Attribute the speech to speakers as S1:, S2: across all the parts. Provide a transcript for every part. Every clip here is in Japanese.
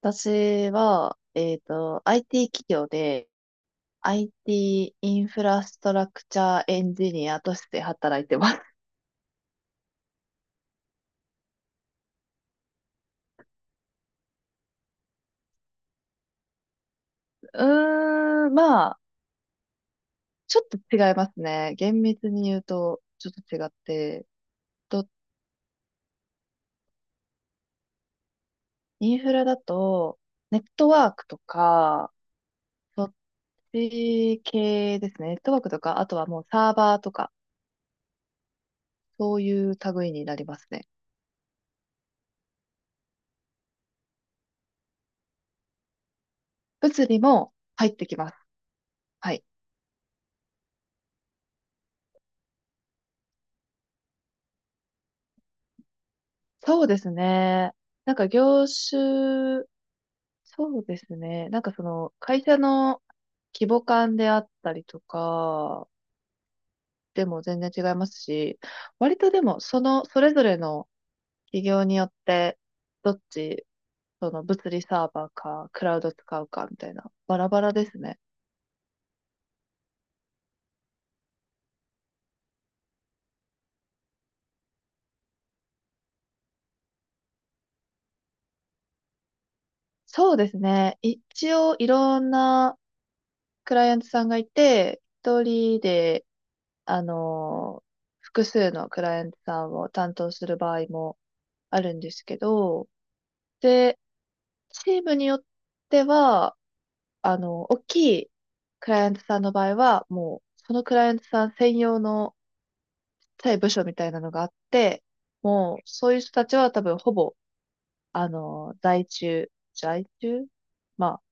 S1: 私は、IT 企業で イティーインフラストラクチャーエンジニアとして働いてます。うーん、まあ、ちょっと違いますね。厳密に言うと、ちょっと違って。と、インフラだと、ネットワークとか、そっち系ですね。ネットワークとか、あとはもうサーバーとか、そういう類になりますね。物理も入ってきます。はい。そうですね。なんか業種、そうですね。なんかその、会社の規模感であったりとか、でも全然違いますし、割とでも、その、それぞれの企業によって、どっち、その物理サーバーか、クラウド使うかみたいな、バラバラですね。そうですね。一応、いろんなクライアントさんがいて、一人で、あの、複数のクライアントさんを担当する場合もあるんですけど、で、チームによっては、大きいクライアントさんの場合は、もう、そのクライアントさん専用のちっちゃい部署みたいなのがあって、もう、そういう人たちは多分、ほぼ、あの、在中、在中まあ、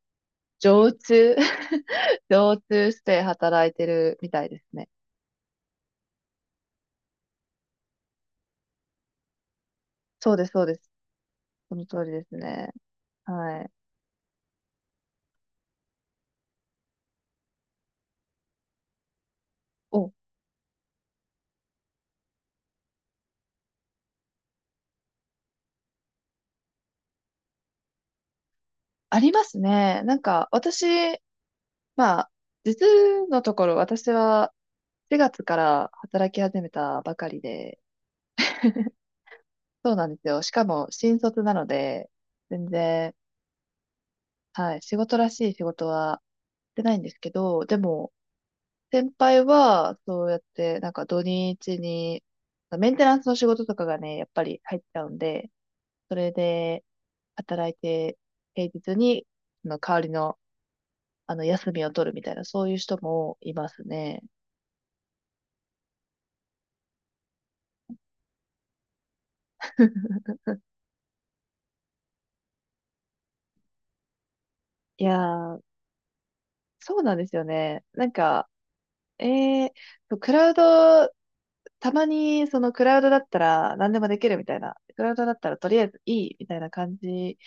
S1: 常駐、常駐して働いてるみたいですね。そうです、そうです。その通りですね。はい。お、ありますね。なんか、私、まあ、実のところ、私は、4月から働き始めたばかりで、そうなんですよ。しかも新卒なので、全然、はい、仕事らしい仕事はしてないんですけど、でも、先輩は、そうやって、なんか土日に、メンテナンスの仕事とかがね、やっぱり入っちゃうんで、それで働いて、平日に、その代わりの、あの、休みを取るみたいな、そういう人もいますね。いやー、そうなんですよね。ええクラウド、たまにそのクラウドだったら何でもできるみたいな、クラウドだったらとりあえずいいみたいな感じ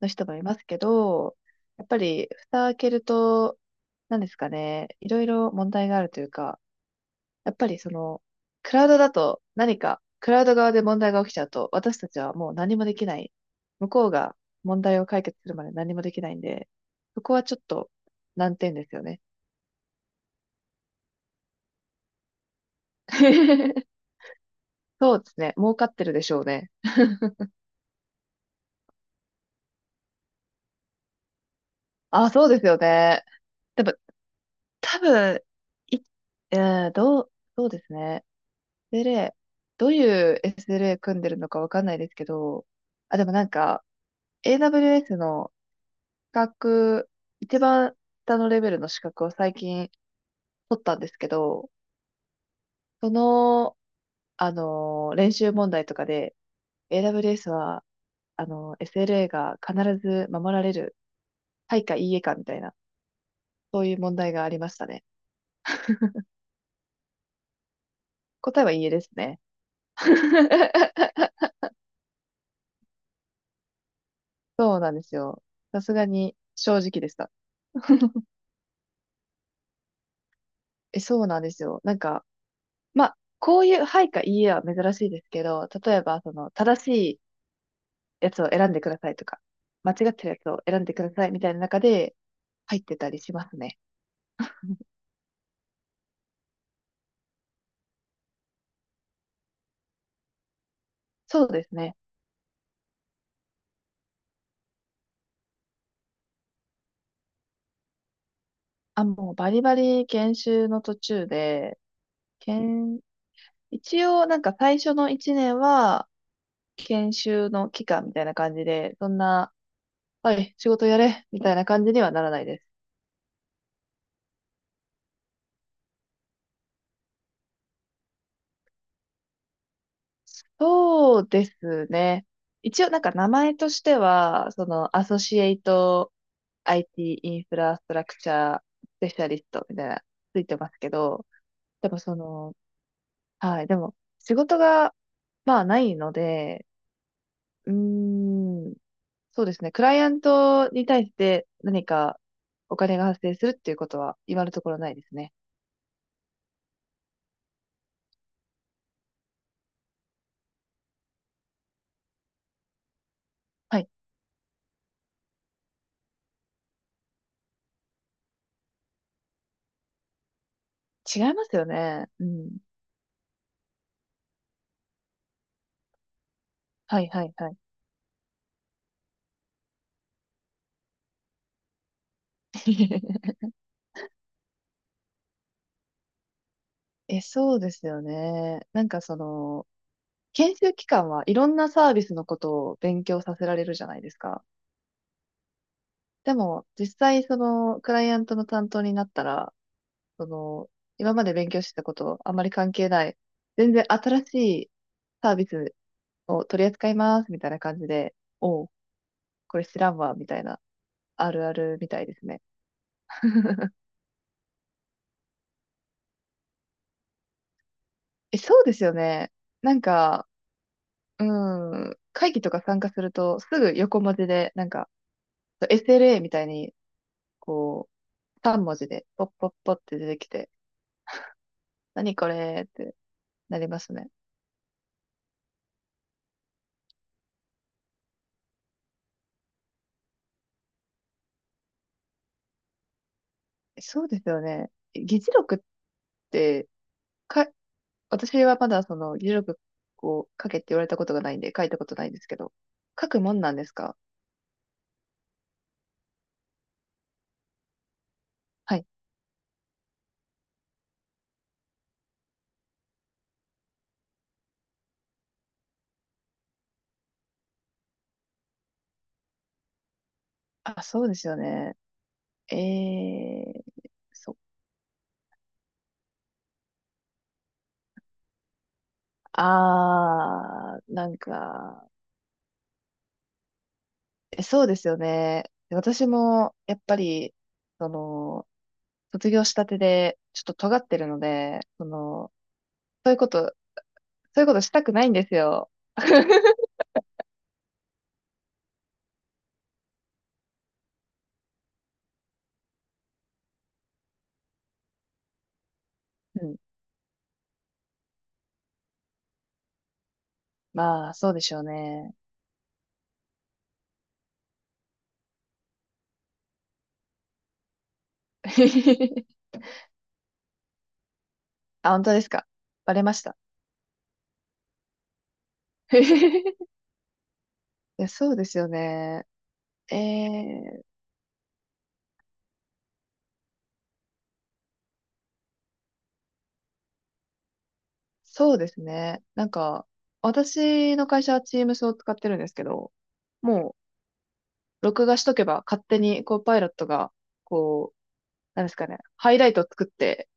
S1: の人もいますけど、やっぱり蓋開けると、何ですかね、いろいろ問題があるというか、やっぱりその、クラウドだと何か、クラウド側で問題が起きちゃうと、私たちはもう何もできない。向こうが問題を解決するまで何もできないんで、そこはちょっと難点ですよね。そうですね、儲かってるでしょうね。あ、そうですよね。でも、多分、い、えー、どう、そうですね。SLA、どういう SLA 組んでるのかわかんないですけど、あ、でもなんか、AWS の資格、一番下のレベルの資格を最近取ったんですけど、その、練習問題とかで、AWS は、SLA が必ず守られる、はいかいいえかみたいな、そういう問題がありましたね。答えはいいえですね。そうなんですよ。さすがに正直でした。え、そうなんですよ。なんか、まあ、こういうはいかいいえは珍しいですけど、例えば、その、正しいやつを選んでくださいとか、間違ってるやつを選んでくださいみたいな中で入ってたりしますね。そうですね。あ、もうバリバリ研修の途中で、研、一応なんか最初の1年は研修の期間みたいな感じで、そんな、はい、仕事やれみたいな感じにはならないです。そうですね。一応なんか名前としては、そのアソシエイト イティーインフラストラクチャースペシャリストみたいなついてますけど、でもその、はい、でも仕事がまあないので、うーん、そうですね。クライアントに対して何かお金が発生するっていうことは今のところないですね。はい。違いますよね。うん。はいはいはい。え、そうですよね。なんかその、研修期間はいろんなサービスのことを勉強させられるじゃないですか。でも、実際そのクライアントの担当になったら、その、今まで勉強してたことあまり関係ない、全然新しいサービスを取り扱いますみたいな感じで、おう、これ知らんわ、みたいな、あるあるみたいですね。え、そうですよね。なんか、うん、会議とか参加すると、すぐ横文字で、なんか、SLA みたいに、こう、3文字で、ポッポッポって出てきて、何これってなりますね。そうですよね。議事録って、か、私はまだその議事録を書けって言われたことがないんで、書いたことないんですけど、書くもんなんですか。はい。あ、そうですよね。ええー、そ、あー、なんか、えそうですよね。私も、やっぱり、その、卒業したてで、ちょっと尖ってるので、その、そういうことそういうことしたくないんですよ。うん。まあ、そうでしょうね。あ、本当ですか。バレました。いや、そうですよね。えー、そうですね。なんか、私の会社は Teams を使ってるんですけど、もう、録画しとけば勝手に、こう、パイロットが、こう、なんですかね、ハイライトを作って、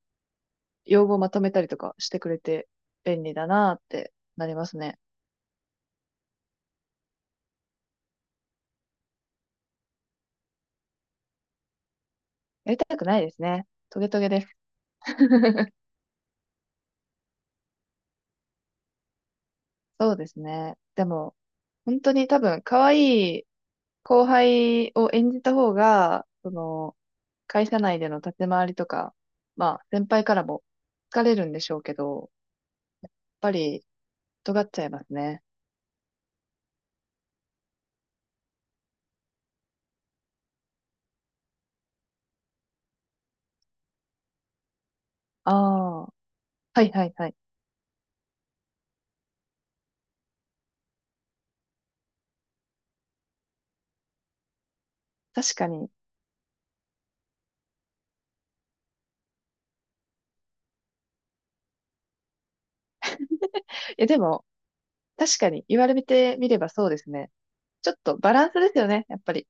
S1: 用語をまとめたりとかしてくれて、便利だなーってなりますね。やりたくないですね。トゲトゲです。そうですね。でも、本当に多分、可愛い後輩を演じた方が、その、会社内での立ち回りとか、まあ、先輩からも好かれるんでしょうけど、やっぱり、尖っちゃいますね。ああ、はいはいはい。確かに。え、でも、確かに、言われてみればそうですね。ちょっとバランスですよね、やっぱり。